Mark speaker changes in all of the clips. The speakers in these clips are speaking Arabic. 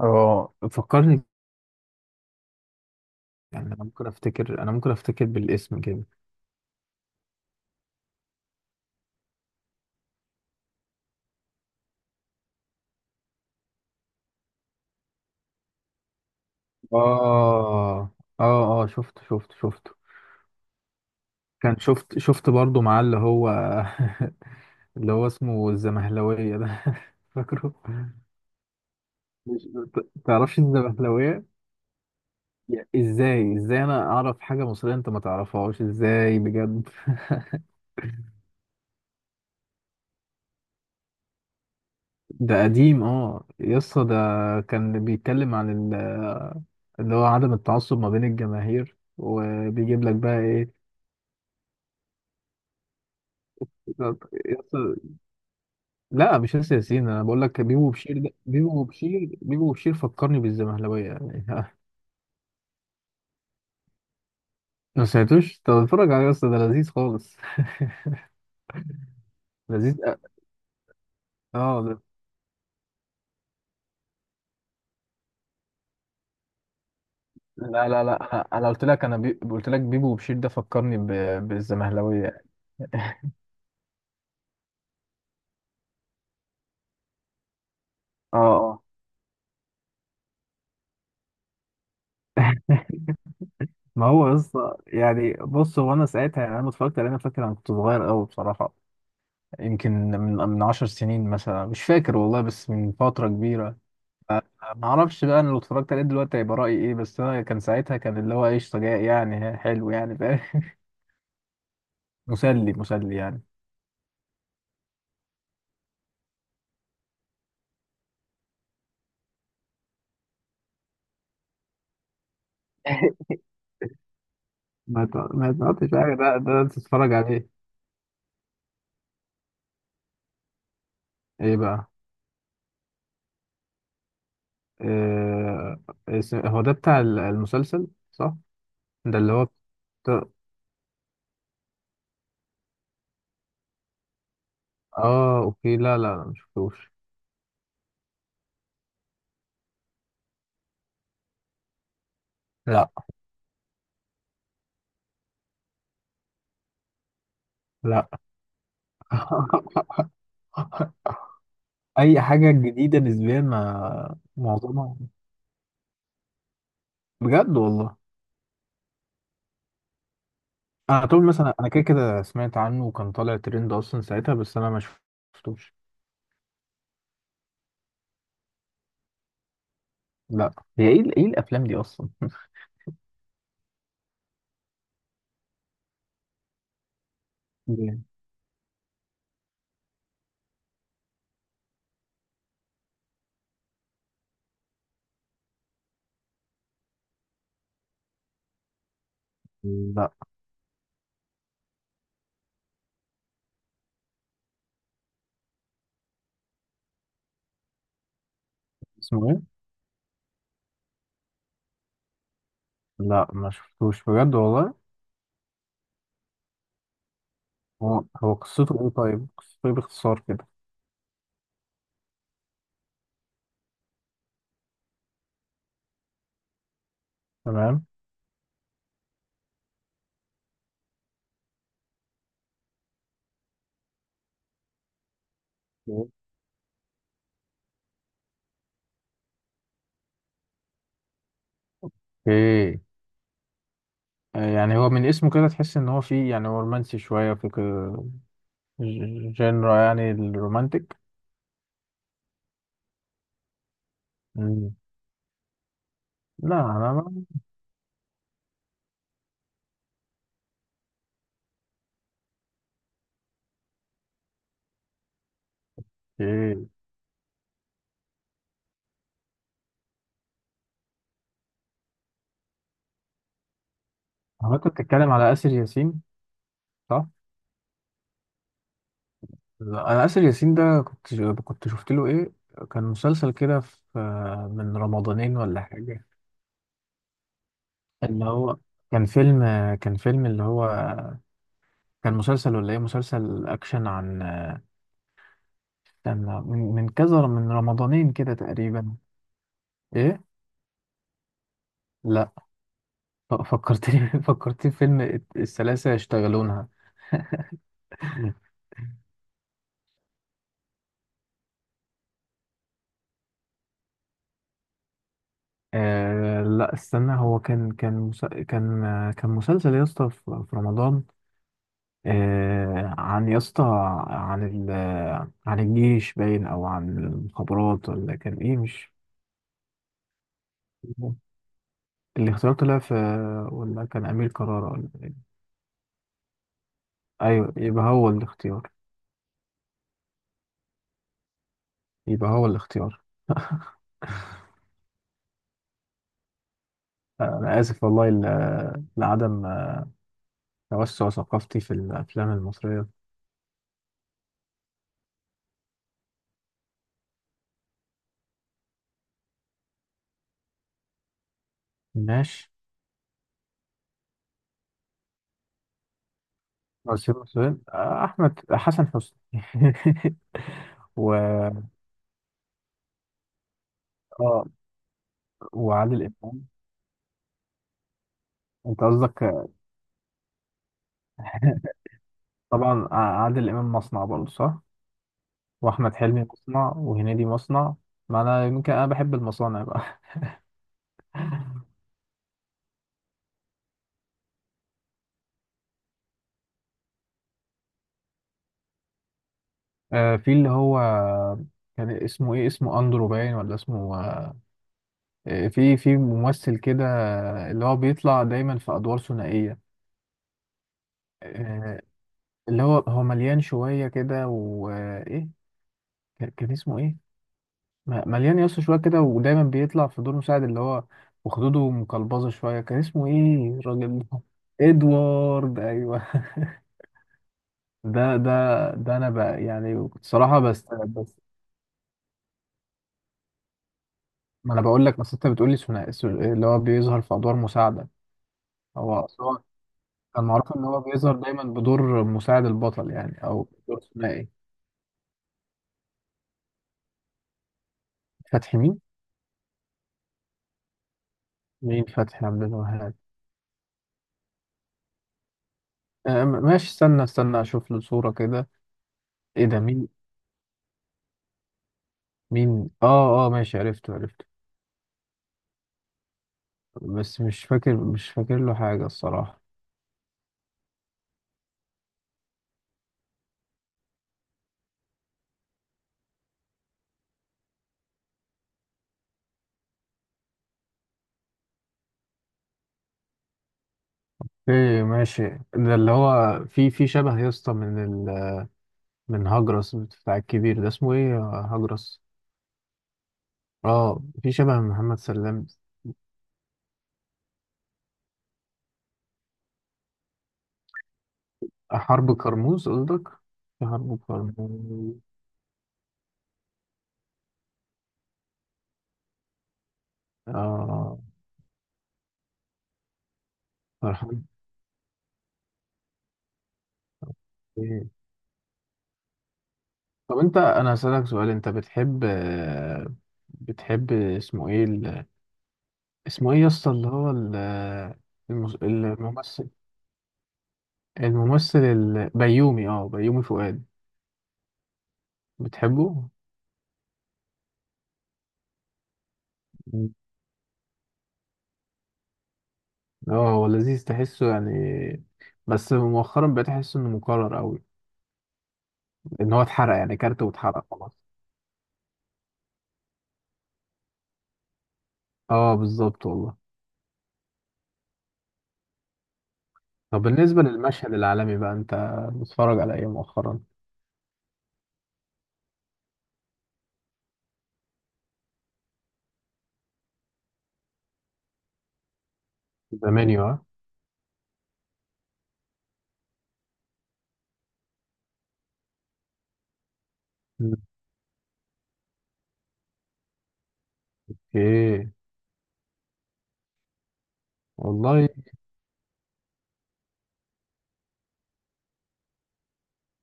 Speaker 1: اه، فكرني. يعني انا ممكن افتكر، انا ممكن افتكر بالاسم كده. اه اه اه، شفته شفته شفته. كان شفت برضو معاه اللي هو اللي هو اسمه الزمهلوية ده فاكره؟ مش- تعرفش الزمهلوية؟ ازاي انا اعرف حاجة مصرية انت ما تعرفهاش؟ ازاي بجد؟ ده قديم، اه يسطا، ده كان بيتكلم عن اللي هو عدم التعصب ما بين الجماهير، وبيجيب لك بقى ايه. لا، مش ياسر ياسين، انا بقول لك بيبو وبشير، ده بيبو وبشير، بيبو وبشير فكرني بالزمهلاويه يعني ما سمعتوش؟ طب اتفرج عليه، اصلا ده لذيذ خالص لذيذ اه ده- لا لا لا، انا قلت لك، قلت لك بيبو وبشير، ده فكرني بالزمهلاويه اه اه، ما هو اصلا يعني بص، هو انا ساعتها، يعني انا لما اتفرجت عليه، انا فاكر انا كنت صغير قوي بصراحه، يمكن من 10 سنين مثلا، مش فاكر والله، بس من فتره كبيره. ما اعرفش بقى انا لو اتفرجت عليه دلوقتي هيبقى رايي ايه، بس انا كان ساعتها، كان اللي هو قشطه جاي يعني، حلو يعني، فاهم؟ مسلي مسلي يعني ما تقعدش حاجه، ده انت تتفرج عليه. ايه بقى؟ إيه... هو ده بتاع المسلسل، صح؟ ده اللي هو بتاع... اه، اوكي، لا لا لا مشفتوش. لا لا اي حاجه جديده نسبيا، ما معظمها. بجد والله؟ انا طول مثلا، انا كده كده سمعت عنه وكان طالع ترند اصلا ساعتها، بس انا ما شفتوش لا. هي ايه ايه الافلام دي اصلا؟ جامد. لا. اسمه ايه؟ لا، ما شفتوش بجد والله. هو قصته ايه؟ طيب قصته ايه باختصار كده؟ تمام. مم. اوكي. يعني هو من اسمه كده تحس ان هو فيه، يعني هو رومانسي شويه في كده، جنرا يعني الرومانتيك. مم. لا انا ما. اوكي. هو انت بتتكلم على اسر ياسين، صح؟ لا، انا اسر ياسين ده كنت شفت له ايه. كان مسلسل كده في، من رمضانين ولا حاجه، اللي هو كان فيلم، اللي هو، كان مسلسل ولا ايه؟ مسلسل اكشن عن، استنى، من كذا، من رمضانين كده تقريبا. ايه. لا. فكرتني فكرتني في فيلم الثلاثة يشتغلونها. آه لا استنى، هو كان كان مس... كان آه، كان مسلسل يا اسطى في رمضان. عن، يا اسطى، عن ال... آه، عن الجيش باين، او عن المخابرات، ولا كان ايه؟ مش اللي اختيار طلع في، ولا كان امير كرارة ولا؟ ايوه، يبقى هو الاختيار. يبقى هو الاختيار انا اسف والله لعدم توسع ثقافتي في الافلام المصريه. ماشي. أرسل مسؤول، احمد حسن حسني و اه وعادل امام. انت قصدك؟ طبعا، عادل امام مصنع برضه، صح؟ واحمد حلمي مصنع، وهنيدي مصنع. ما انا يمكن انا بحب المصانع بقى في اللي هو كان اسمه ايه، اسمه اندرو باين ولا اسمه، في ممثل كده اللي هو بيطلع دايما في ادوار ثنائيه، آه، اللي هو هو مليان شويه كده، وايه كان اسمه ايه، مليان يس شويه كده، ودايما بيطلع في دور مساعد اللي هو، وخدوده مقلبظه شويه، كان اسمه ايه الراجل ده؟ ادوارد، ايوه، ده ده ده انا بقى يعني، بصراحه، بس. ما انا بقول لك، بس انت بتقول لي ثنائي، اللي هو بيظهر في ادوار مساعده، هو كان معروف ان هو بيظهر دايما بدور مساعد البطل يعني، او دور ثنائي. فتحي مين؟ مين فتحي عبد الوهاب؟ ماشي، استنى استنى اشوف له صورة كده. ايه ده؟ مين؟ مين، اه اه، ماشي عرفته عرفته. بس مش فاكر، له حاجة الصراحة. ايه؟ ماشي. ده اللي هو في شبه يا اسطى من ال من هجرس بتاع الكبير ده، اسمه ايه هجرس. اه، في شبه من محمد سلام. حرب كرموز قصدك؟ في حرب كرموز؟ اه، فرحان. إيه، طب انت، انا هسألك سؤال، انت بتحب، بتحب اسمه ايه اسمه ايه يا اسطى اللي هو الممثل، الممثل البيومي، اه بيومي فؤاد، بتحبه؟ مم. اه هو لذيذ تحسه يعني، بس مؤخرا بقيت احس انه مكرر قوي، ان هو اتحرق يعني كارت واتحرق خلاص. اه بالظبط والله. طب بالنسبة للمشهد العالمي بقى، انت بتتفرج على ايه مؤخرا؟ ذا منيو، اه. مم. اوكي. والله.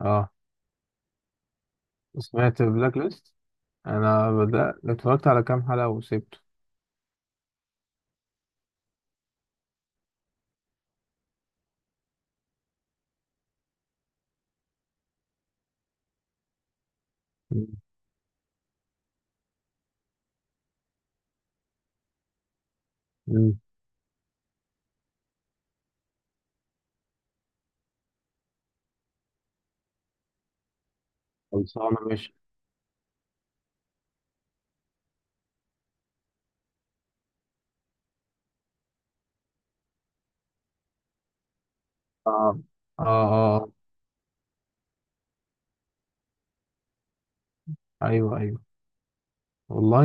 Speaker 1: اه سمعت بلاك ليست، انا بدأت اتفرجت على كام حلقة وسبته. مم. مم. خلصانة مش. اه اه اه. ايوه ايوه والله.